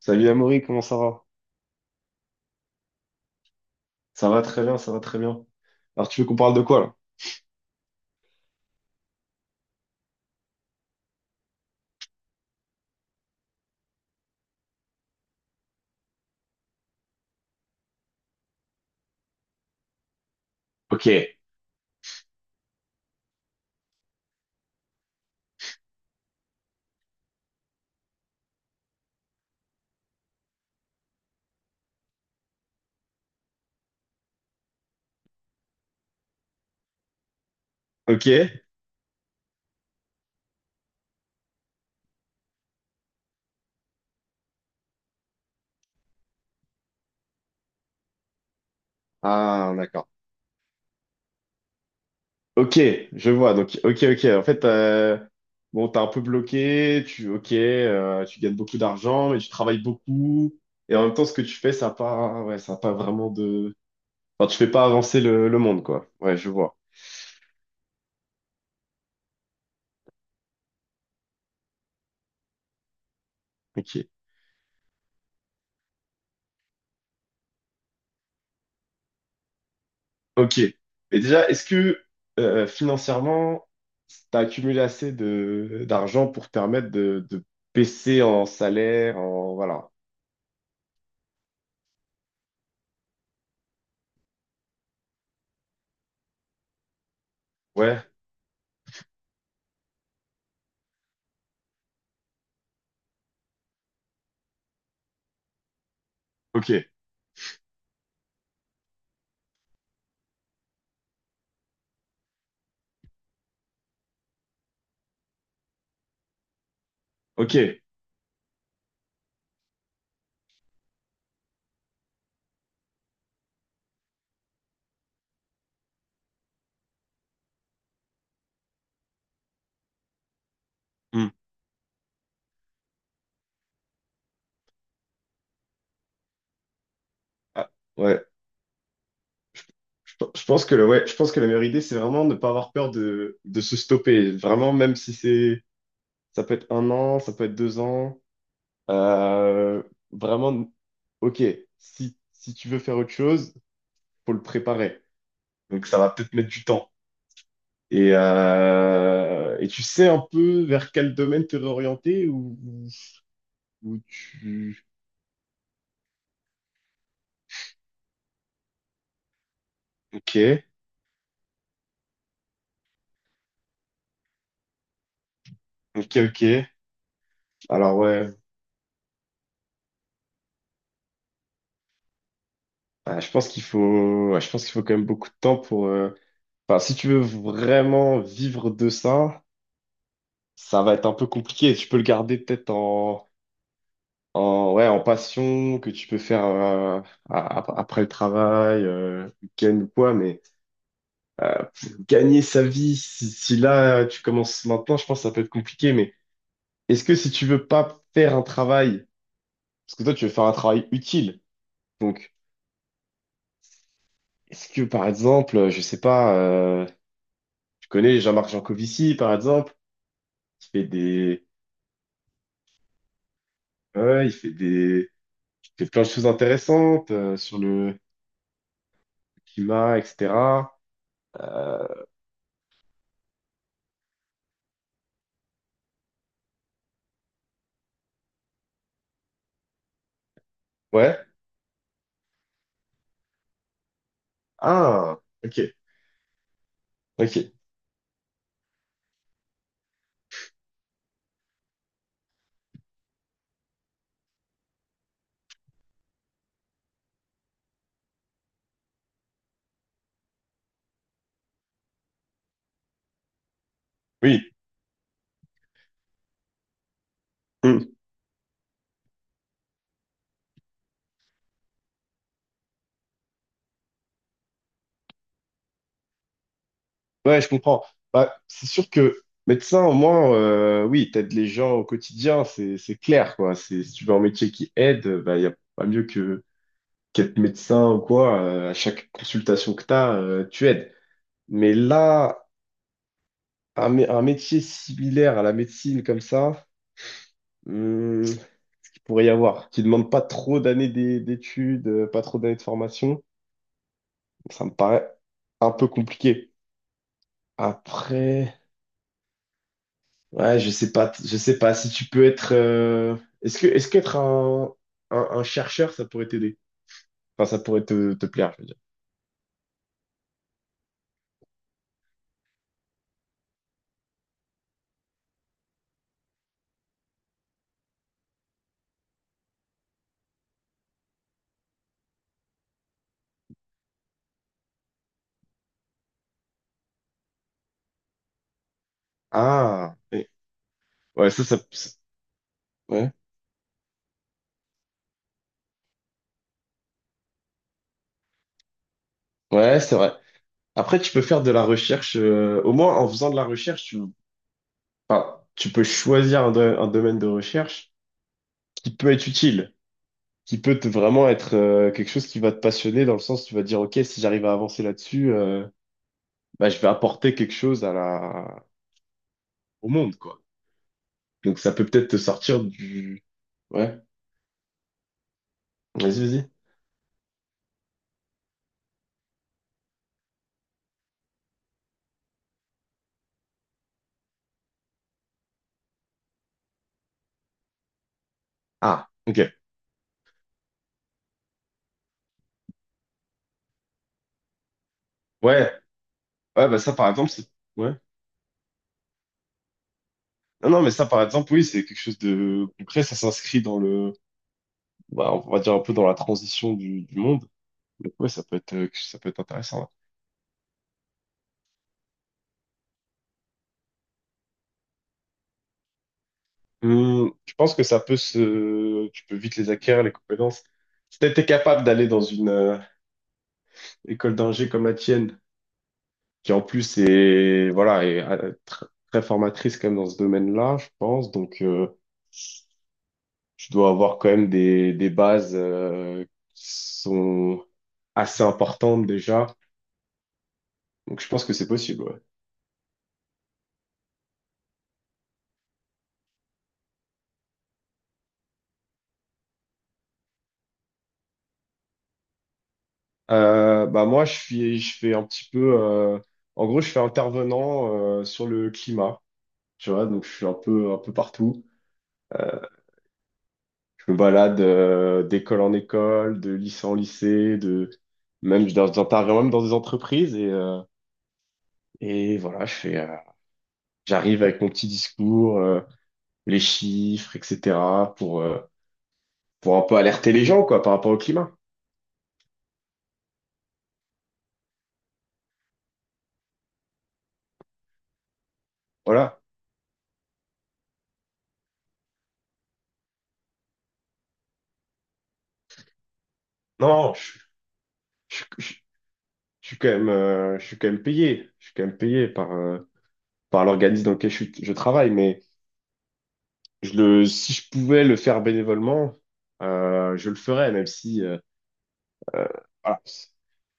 Salut Amaury, comment ça va? Ça va très bien, ça va très bien. Alors tu veux qu'on parle de quoi là? Ok. Ok. Ah d'accord. Ok, je vois. Donc ok, ok. En fait, bon, t'es un peu bloqué. Tu ok, tu gagnes beaucoup d'argent, mais tu travailles beaucoup. Et en même temps, ce que tu fais, ça a pas, ouais, ça a pas vraiment de. Enfin, tu fais pas avancer le monde, quoi. Ouais, je vois. Ok. Ok. Mais déjà, est-ce que financièrement, tu as accumulé assez de d'argent pour te permettre de baisser en salaire, en voilà. Ouais, ok, ok. Hmm. Ah, ouais. Je pense que le, ouais, je pense que la meilleure idée, c'est vraiment ne pas avoir peur de se stopper. Vraiment, même si c'est ça peut être un an, ça peut être deux ans. euh, vraiment, ok. Si, si tu veux faire autre chose, faut le préparer. Donc ça va peut-être mettre du temps. Et tu sais un peu vers quel domaine te réorienter ou tu... Ok, ok, ok. Alors ouais, Ah, je pense qu'il faut, ouais, je pense qu'il faut quand même beaucoup de temps pour... Enfin, si tu veux vraiment vivre de ça, ça va être un peu compliqué. Tu peux le garder peut-être en, en, ouais, en passion que tu peux faire après le travail, week-end ou quoi, mais euh, gagner sa vie, si, si là tu commences maintenant, je pense que ça peut être compliqué, mais Est-ce que si tu veux pas faire un travail, parce que toi tu veux faire un travail utile, donc est-ce que par exemple, je sais pas, tu connais Jean-Marc Jancovici par exemple, qui fait des, ouais, il fait des, il fait plein de choses intéressantes sur le climat, etc. Euh, ouais. Ah, ok, ok, oui, Hmm. Ouais, je comprends. Bah, c'est sûr que médecin au moins, oui, t'aides les gens au quotidien, c'est clair quoi. C'est si tu veux un métier qui aide, bah il y a pas mieux que qu'être médecin ou quoi, à chaque consultation que tu as, tu aides. Mais là, un, mé- un métier similaire à la médecine comme ça, il pourrait y avoir, qui demande pas trop d'années d'é- d'études, pas trop d'années de formation, ça me paraît un peu compliqué. Après, ouais, je sais pas si tu peux être, est-ce que, est-ce qu'être un chercheur, ça pourrait t'aider? Enfin, ça pourrait te, te plaire, je veux dire. Ah, ouais, ça- ouais, ouais, c'est vrai. Après, tu peux faire de la recherche, au moins en faisant de la recherche, tu, enfin, tu peux choisir un, do- un domaine de recherche qui peut être utile, qui peut te- vraiment être quelque chose qui va te passionner dans le sens tu vas dire, OK, si j'arrive à avancer là-dessus, bah, je vais apporter quelque chose à la... au monde, quoi. Donc ça peut peut-être te sortir du... Ouais, vas-y, vas-y. Ah, OK. Ouais, ouais, bah ça par exemple, c'est... Ouais. Non, non, mais ça par exemple, oui, c'est quelque chose de concret, ça s'inscrit dans le... Bah, on va dire un peu dans la transition du monde. Donc ouais, ça peut être intéressant. Ouais. Tu penses que ça peut se, tu peux vite les acquérir, les compétences. Si t'étais capable d'aller dans une école d'ingé comme la tienne, qui en plus est, voilà, est tr- très formatrice quand même dans ce domaine-là, je pense. Donc, tu dois avoir quand même des bases qui sont assez importantes déjà. Donc, je pense que c'est possible, ouais. Bah moi, je suis, je fais un petit peu, en gros, je fais intervenant sur le climat. Tu vois, donc je suis un peu partout. Je me balade d'école en école, de lycée en lycée, de même je- j'interviens même dans des entreprises et voilà, je fais, j'arrive avec mon petit discours, les chiffres, etc. pour euh, pour un peu alerter les gens quoi par rapport au climat. Voilà. Non, je, je- je suis quand même, je suis quand même payé, je suis quand même payé par par l'organisme dans lequel je, suis- je travaille, mais je le, si je pouvais le faire bénévolement, je le ferais, même si Euh, voilà.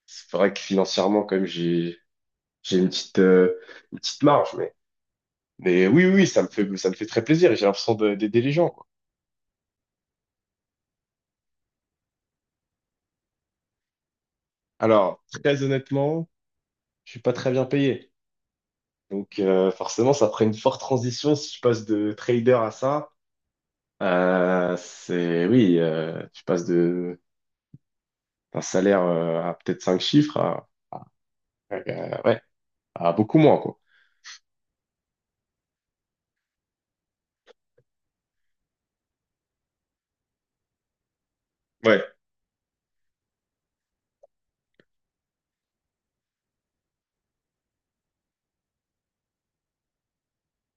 C'est vrai que financièrement, quand même, j'ai une petite marge, mais oui, oui, oui, ça me fait très plaisir et j'ai l'impression de- d'aider les gens, quoi. Alors, très honnêtement, je suis pas très bien payé, donc forcément, ça ferait une forte transition si je passe de trader à ça. C'est oui, tu passes de d'un salaire à peut-être cinq chiffres à- ouais à beaucoup moins, quoi. Ouais,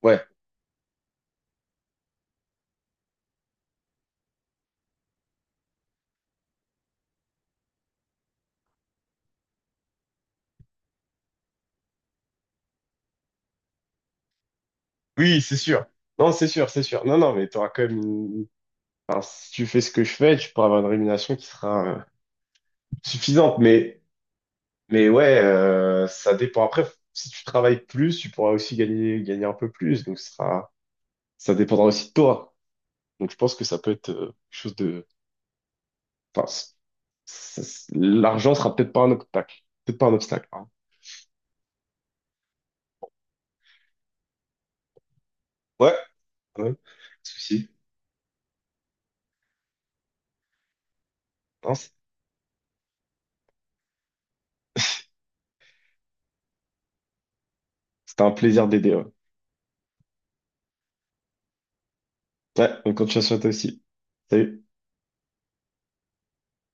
ouais, oui, c'est sûr. Non, c'est sûr, c'est sûr. Non, non, mais tu auras quand même une Enfin, si tu fais ce que je fais, tu pourras avoir une rémunération qui sera suffisante. Mais ouais, ça dépend. Après, si tu travailles plus, tu pourras aussi gagner un peu plus. Donc, ce sera, ça dépendra aussi de toi. Donc, je pense que ça peut être quelque chose de. Enfin, l'argent sera peut-être pas un obstacle. Peut-être pas un obstacle. Pardon. Ouais, ouais, pas de souci. Non, c- C'était un plaisir d'aider. Ouais. Ouais, bonne continuation à toi aussi. Salut.